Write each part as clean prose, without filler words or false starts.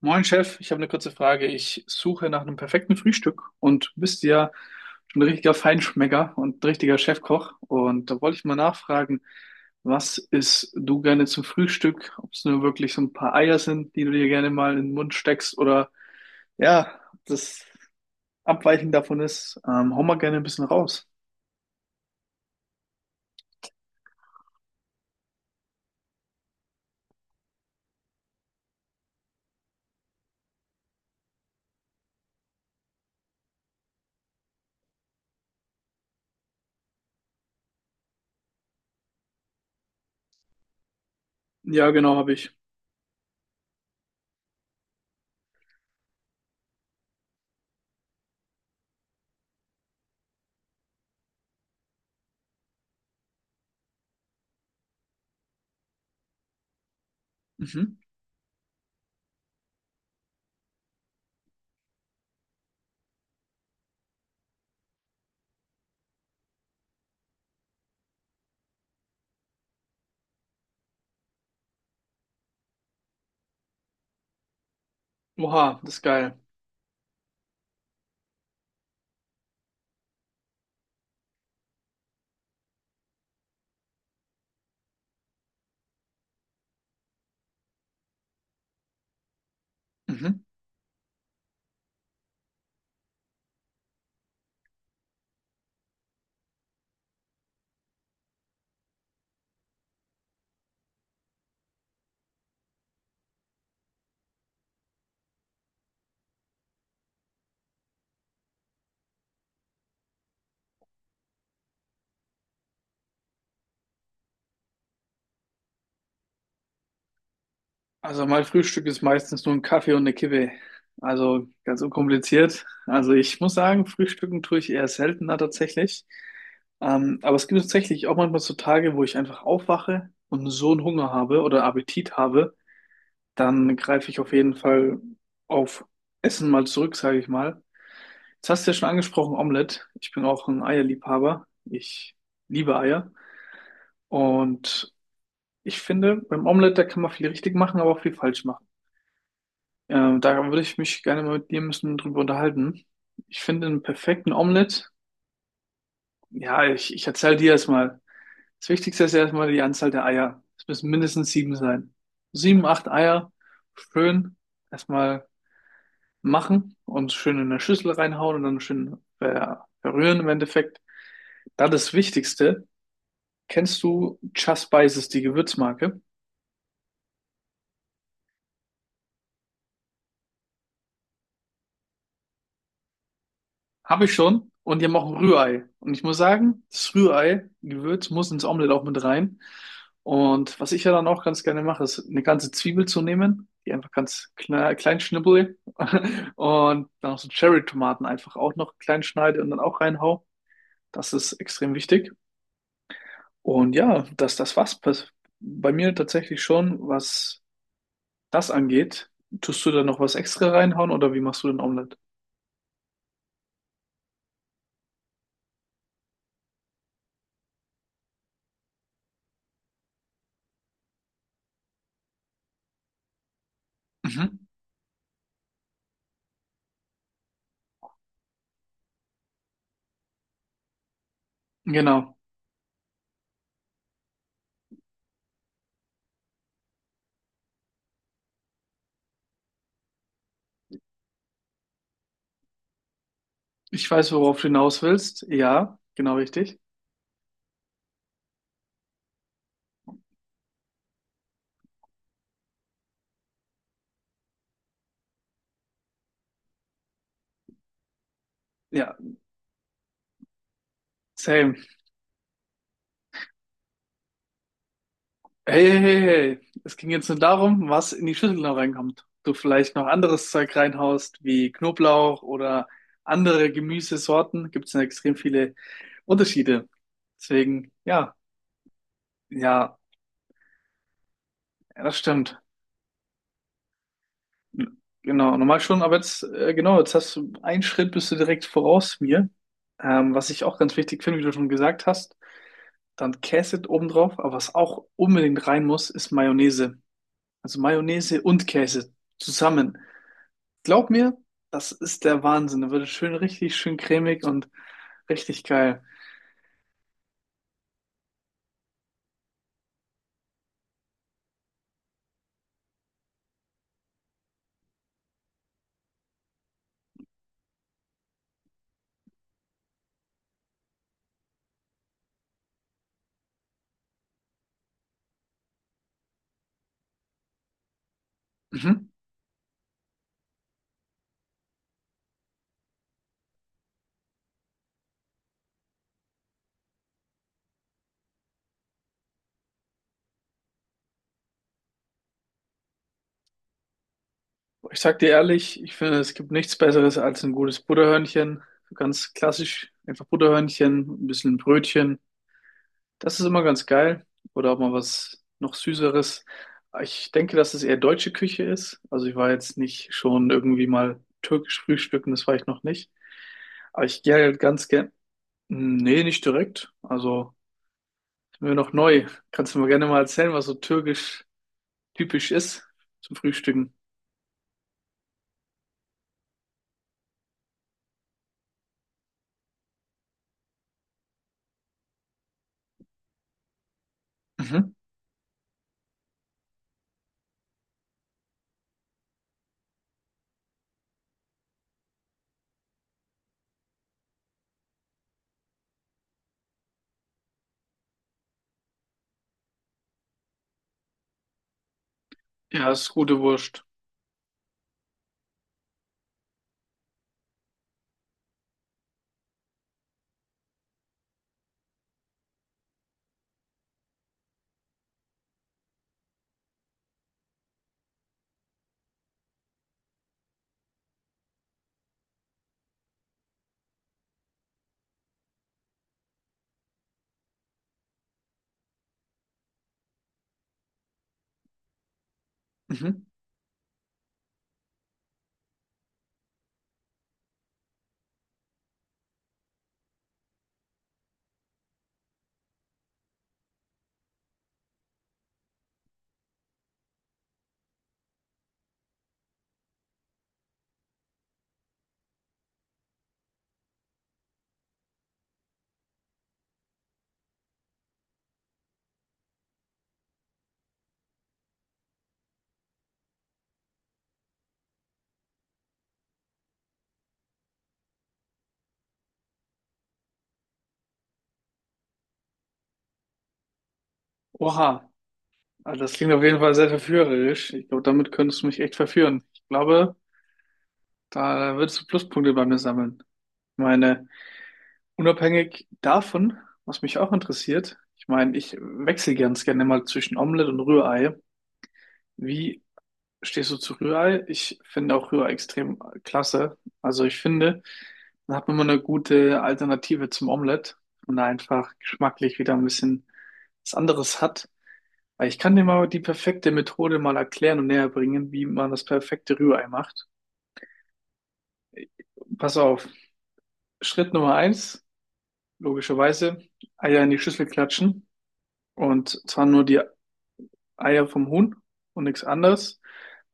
Moin Chef, ich habe eine kurze Frage. Ich suche nach einem perfekten Frühstück und du bist ja schon ein richtiger Feinschmecker und ein richtiger Chefkoch. Und da wollte ich mal nachfragen, was isst du gerne zum Frühstück? Ob es nur wirklich so ein paar Eier sind, die du dir gerne mal in den Mund steckst oder ja, das Abweichen davon ist. Hau mal gerne ein bisschen raus. Ja, genau, habe ich. Mhm. Oha, das ist geil. Mhm. Also mein Frühstück ist meistens nur ein Kaffee und eine Kippe. Also ganz unkompliziert. Also ich muss sagen, Frühstücken tue ich eher seltener tatsächlich. Aber es gibt tatsächlich auch manchmal so Tage, wo ich einfach aufwache und so einen Hunger habe oder Appetit habe, dann greife ich auf jeden Fall auf Essen mal zurück, sage ich mal. Jetzt hast du ja schon angesprochen, Omelette. Ich bin auch ein Eierliebhaber. Ich liebe Eier. Und ich finde, beim Omelette, da kann man viel richtig machen, aber auch viel falsch machen. Da würde ich mich gerne mal mit dir ein bisschen drüber unterhalten. Ich finde einen perfekten Omelette. Ja, ich erzähle dir erstmal. Das Wichtigste ist erstmal die Anzahl der Eier. Es müssen mindestens sieben sein. Sieben, acht Eier schön erstmal machen und schön in eine Schüssel reinhauen und dann schön verrühren im Endeffekt. Dann das Wichtigste. Kennst du Just Spices, die Gewürzmarke? Habe ich schon. Und die haben auch ein Rührei. Und ich muss sagen, das Rührei-Gewürz muss ins Omelett auch mit rein. Und was ich ja dann auch ganz gerne mache, ist eine ganze Zwiebel zu nehmen, die einfach ganz klein, klein schnibbel und dann auch so Cherry-Tomaten einfach auch noch klein schneide und dann auch reinhau. Das ist extrem wichtig. Und ja, dass das was bei mir tatsächlich schon, was das angeht. Tust du da noch was extra reinhauen oder wie machst du den Omelett? Mhm. Genau. Ich weiß, worauf du hinaus willst. Ja, genau richtig. Ja, same. Hey, hey, hey, hey. Es ging jetzt nur darum, was in die Schüssel noch reinkommt. Du vielleicht noch anderes Zeug reinhaust, wie Knoblauch oder andere Gemüsesorten. Gibt es ja extrem viele Unterschiede. Deswegen, ja, ja, ja, das stimmt. Genau, normal schon, aber jetzt, genau, jetzt hast du einen Schritt, bist du direkt voraus mir. Was ich auch ganz wichtig finde, wie du schon gesagt hast. Dann Käse obendrauf, aber was auch unbedingt rein muss, ist Mayonnaise. Also Mayonnaise und Käse zusammen. Glaub mir, das ist der Wahnsinn. Da wird es schön, richtig schön cremig und richtig geil. Mhm. Ich sag dir ehrlich, ich finde, es gibt nichts Besseres als ein gutes Butterhörnchen. So ganz klassisch, einfach Butterhörnchen, ein bisschen Brötchen. Das ist immer ganz geil. Oder auch mal was noch Süßeres. Ich denke, dass es eher deutsche Küche ist. Also ich war jetzt nicht schon irgendwie mal türkisch frühstücken, das war ich noch nicht. Aber ich gehe halt ganz gern. Nee, nicht direkt. Also ist mir noch neu. Kannst du mir gerne mal erzählen, was so türkisch typisch ist zum Frühstücken? Mhm. Ja, ist gute Wurst. Mhm. Oha. Also das klingt auf jeden Fall sehr verführerisch. Ich glaube, damit könntest du mich echt verführen. Ich glaube, da würdest du Pluspunkte bei mir sammeln. Ich meine, unabhängig davon, was mich auch interessiert, ich meine, ich wechsle ganz gerne mal zwischen Omelette und Rührei. Wie stehst du zu Rührei? Ich finde auch Rührei extrem klasse. Also ich finde, dann hat man immer eine gute Alternative zum Omelette und da einfach geschmacklich wieder ein bisschen was anderes hat. Weil ich kann dir mal die perfekte Methode mal erklären und näher bringen, wie man das perfekte Rührei macht. Pass auf. Schritt Nummer eins, logischerweise, Eier in die Schüssel klatschen. Und zwar nur die Eier vom Huhn und nichts anderes.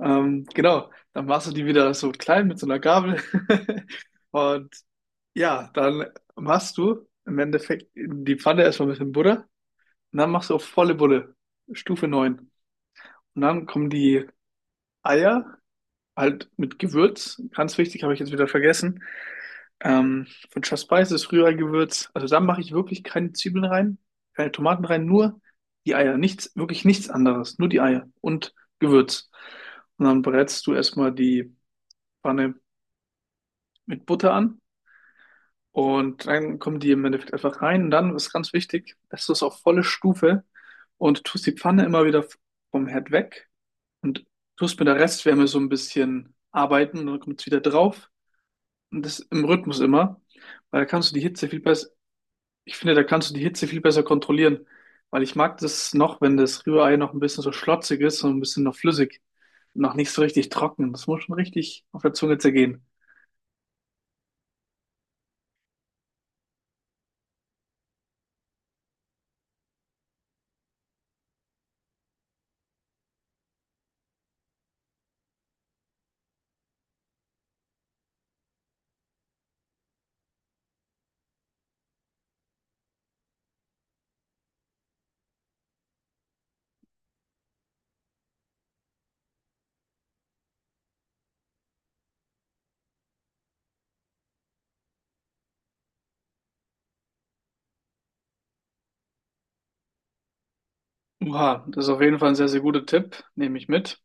Genau, dann machst du die wieder so klein mit so einer Gabel. Und ja, dann machst du im Endeffekt in die Pfanne erstmal ein bisschen Butter. Und dann machst du auf volle Bulle, Stufe neun. Und dann kommen die Eier halt mit Gewürz. Ganz wichtig, habe ich jetzt wieder vergessen. Von Just Spice ist Rührei-Gewürz. Also da mache ich wirklich keine Zwiebeln rein, keine Tomaten rein, nur die Eier. Nichts, wirklich nichts anderes. Nur die Eier und Gewürz. Und dann brätst du erstmal die Pfanne mit Butter an. Und dann kommen die im Endeffekt einfach rein. Und dann ist ganz wichtig, dass du es auf volle Stufe und tust die Pfanne immer wieder vom Herd weg und tust mit der Restwärme so ein bisschen arbeiten. Und dann kommt es wieder drauf. Und das im Rhythmus immer, weil da kannst du die Hitze viel besser. Ich finde, da kannst du die Hitze viel besser kontrollieren, weil ich mag das noch, wenn das Rührei noch ein bisschen so schlotzig ist und ein bisschen noch flüssig und noch nicht so richtig trocken. Das muss schon richtig auf der Zunge zergehen. Oha, das ist auf jeden Fall ein sehr, sehr guter Tipp, nehme ich mit.